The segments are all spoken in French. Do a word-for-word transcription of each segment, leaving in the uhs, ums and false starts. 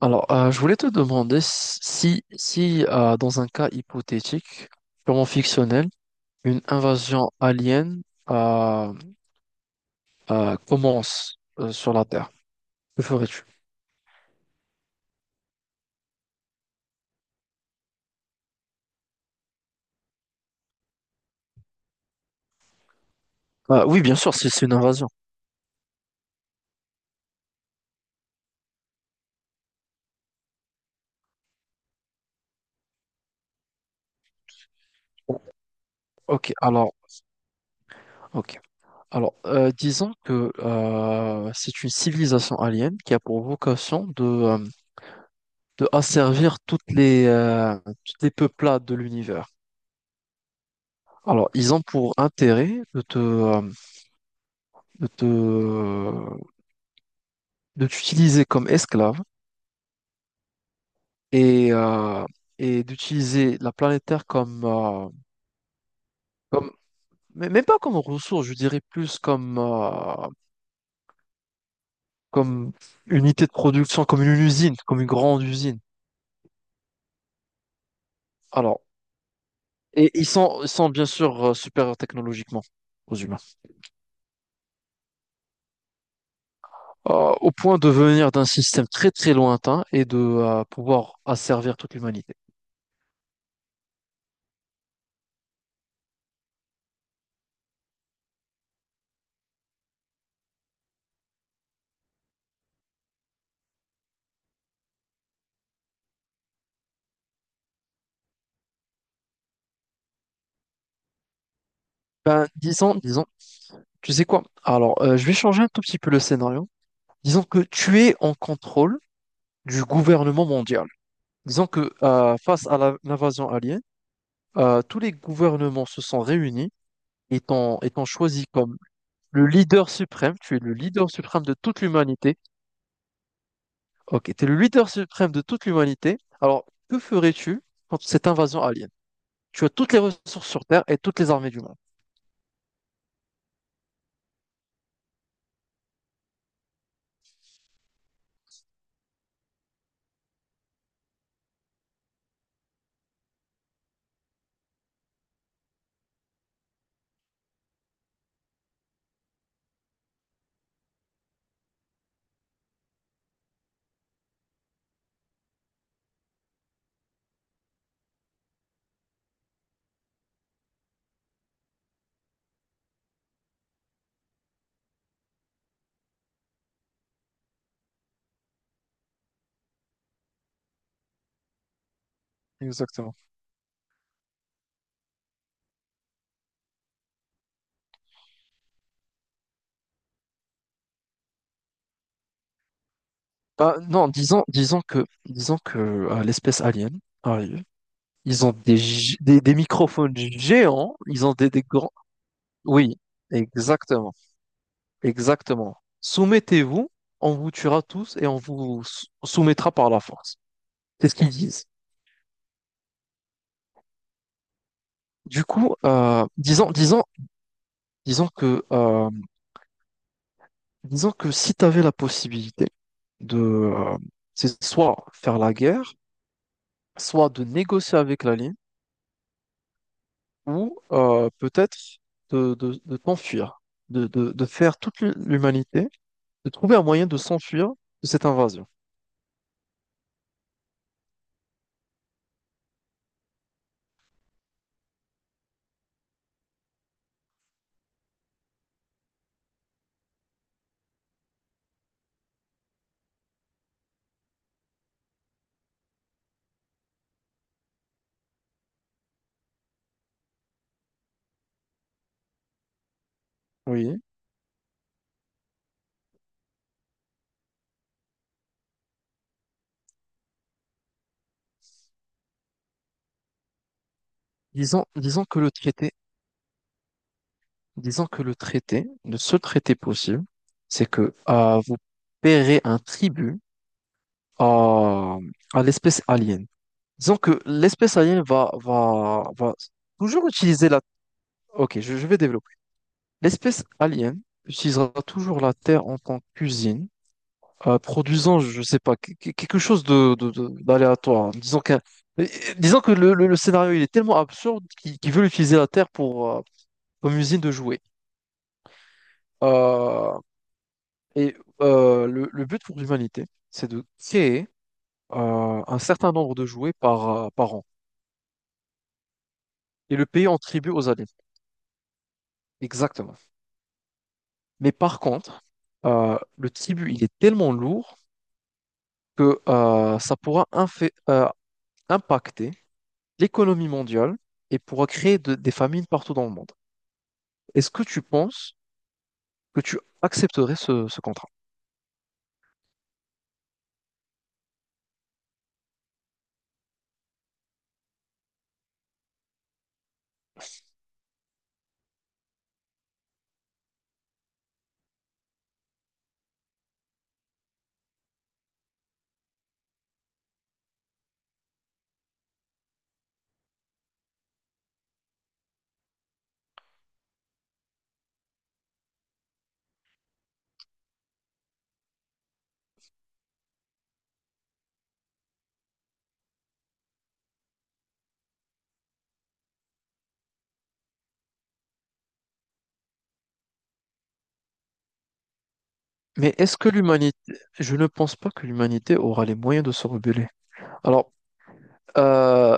Alors, euh, je voulais te demander si, si euh, dans un cas hypothétique, purement fictionnel, une invasion alien euh, euh, commence euh, sur la Terre, que ferais-tu? Euh, oui, bien sûr, si c'est une invasion. O- Ok, alors, ok. Alors, euh, disons que euh, c'est une civilisation alien qui a pour vocation de, euh, de asservir toutes les, euh, toutes les peuplades de l'univers. Alors, ils ont pour intérêt de te, euh, de te euh, de t'utiliser comme esclave et, euh, et d'utiliser la planète Terre comme, euh, comme, mais même pas comme ressource, je dirais plus comme, euh, comme unité de production, comme une usine, comme une grande usine. Alors, et ils sont, ils sont bien sûr euh, supérieurs technologiquement aux humains. Euh, au point de venir d'un système très très lointain et de euh, pouvoir asservir toute l'humanité. Ben, disons, disons Tu sais quoi? Alors, euh, je vais changer un tout petit peu le scénario. Disons que tu es en contrôle du gouvernement mondial. Disons que euh, face à la- l'invasion alien, euh, tous les gouvernements se sont réunis et t'ont et t'ont choisi comme le leader suprême. Tu es le leader suprême de toute l'humanité. Ok, tu es le leader suprême de toute l'humanité. Alors, que ferais-tu contre cette invasion alien? Tu as toutes les ressources sur Terre et toutes les armées du monde. Exactement. Bah, non, disons, disons que, disons que euh, l'espèce alien arrive. Ils ont des, gi- des, des microphones géants, ils ont des, des grands... Oui, exactement, exactement. Soumettez-vous, on vous tuera tous et on vous sou- soumettra par la force. C'est ce qu'ils disent. Du coup, euh, disons, disons, disons que, euh, disons que si tu avais la possibilité de, euh, c'est soit faire la guerre, soit de négocier avec la ligne, ou euh, peut-être de, de, de t'enfuir, de, de, de faire toute l'humanité de trouver un moyen de s'enfuir de cette invasion. Oui. Disons, disons que le traité, disons que le traité, le seul traité possible, c'est que euh, vous paierez un tribut à, à l'espèce alien. Disons que l'espèce alien va, va, va toujours utiliser la... Ok, je, je vais développer. L'espèce alien utilisera toujours la Terre en tant qu'usine euh, produisant, je sais pas, que- que- quelque chose de, de- de- d'aléatoire, hein. Disons qu'un, euh, disons que le, le- le scénario il est tellement absurde qu'ils qu'ils veulent utiliser la Terre pour euh, comme usine de jouets. Euh, et euh, le, le but pour l'humanité, c'est de créer euh, un certain nombre de jouets par, euh, par an et le payer en tribut aux aliens. Exactement. Mais par contre, euh, le tribut il est tellement lourd que euh, ça pourra infé- euh, impacter l'économie mondiale et pourra créer de- des famines partout dans le monde. Est-ce que tu penses que tu accepterais ce, ce contrat? Mais est-ce que l'humanité, je ne pense pas que l'humanité aura les moyens de se rebeller. Alors, euh,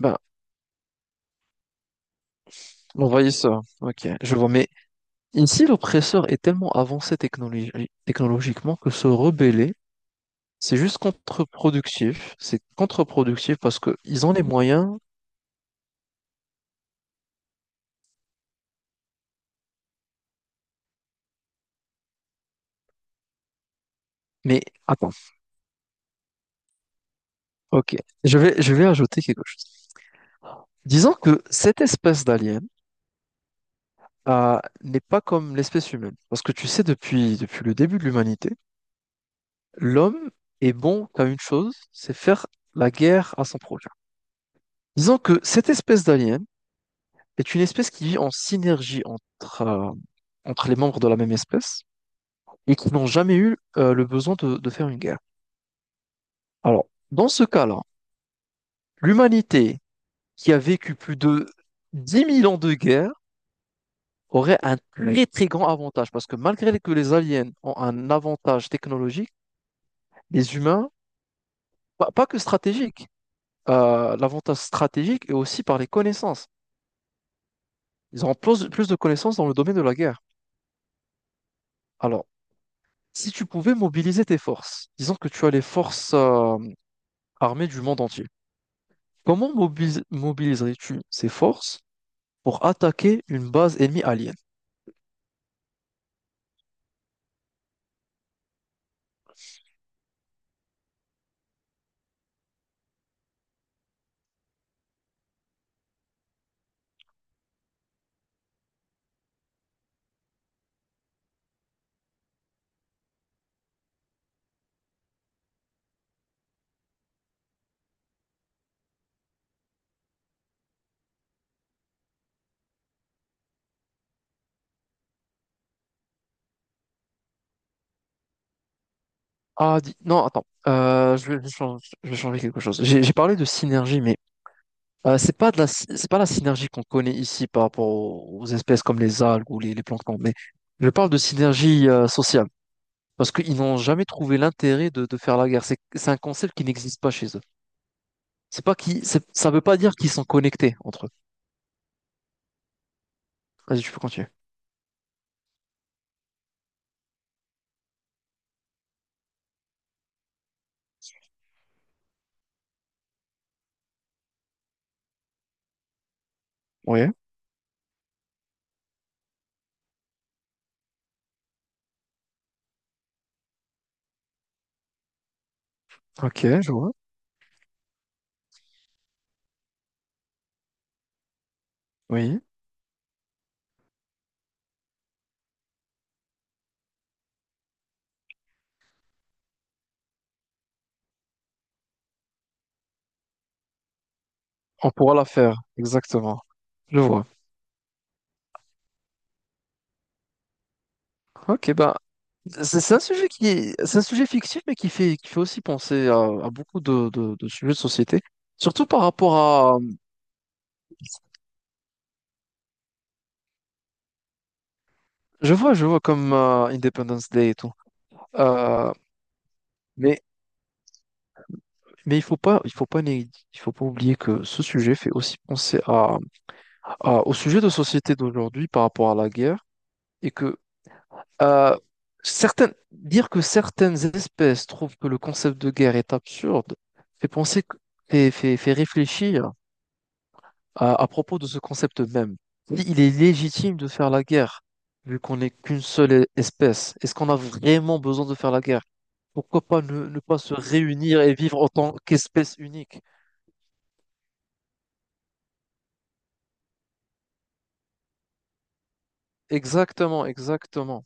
ben, l'envahisseur, ok, je vois, mais ici l'oppresseur est tellement avancé technologi- technologiquement que se rebeller, c'est juste contre-productif, c'est contre-productif parce que ils ont les moyens, mais attends, ok, je vais, je vais ajouter quelque chose. Disons que cette espèce d'alien euh, n'est pas comme l'espèce humaine. Parce que tu sais, depuis, depuis le début de l'humanité, l'homme est bon qu'à une chose, c'est faire la guerre à son prochain. Disons que cette espèce d'alien est une espèce qui vit en synergie entre, euh, entre les membres de la même espèce et qui n'ont jamais eu euh, le besoin de, de faire une guerre. Alors, dans ce cas-là, l'humanité qui a vécu plus de dix mille ans de guerre aurait un très très grand avantage parce que malgré que les aliens ont un avantage technologique, les humains... Pas, pas que stratégique. Euh, l'avantage stratégique est aussi par les connaissances. Ils auront plus, plus de connaissances dans le domaine de la guerre. Alors, si tu pouvais mobiliser tes forces, disons que tu as les forces euh, armées du monde entier, comment mobilis- mobiliserais-tu ces forces pour attaquer une base ennemie alien? Ah, dis- non, Attends, Euh, je vais, je vais changer je vais changer quelque chose. J'ai j'ai parlé de synergie, mais Euh, c'est pas de la, sy- c'est pas la synergie qu'on connaît ici par rapport aux, aux espèces comme les algues ou les, les planctons, mais je parle de synergie euh, sociale parce qu'ils n'ont jamais trouvé l'intérêt de, de faire la guerre. C'est, c'est un concept qui n'existe pas chez eux. C'est pas qui, ça veut pas dire qu'ils sont connectés entre eux. Vas-y, tu peux continuer. Oui, ok, je vois. Oui, on pourra la faire, exactement. Je vois. Ok, bah, c'est c'est un sujet qui est, c'est un sujet fictif, mais qui fait, qui fait aussi penser à, à beaucoup de, de, de sujets de société. Surtout par rapport à, je vois, je vois comme euh, Independence Day et tout. Euh, mais mais il faut pas, il faut pas, né- il faut pas oublier que ce sujet fait aussi penser à, à- au sujet de société d'aujourd'hui par rapport à la guerre et que euh, certaines, dire que certaines espèces trouvent que le concept de guerre est absurde fait penser, que- fait, fait, fait réfléchir À, à propos de ce concept même, si il est légitime de faire la guerre, vu qu'on n'est qu'une seule e- espèce. Est-ce qu'on a vraiment besoin de faire la guerre? Pourquoi pas ne, ne pas se réunir et vivre en tant qu'espèce unique? Exactement, exactement,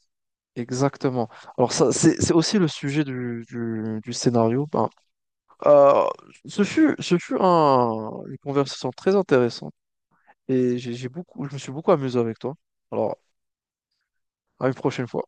exactement. Alors ça, c'est, c'est aussi le sujet du, du- du scénario. Ben, euh, ce fut, ce fut un, une conversation très intéressante et j'ai j'ai beaucoup, je me suis beaucoup amusé avec toi. Alors, à une prochaine fois.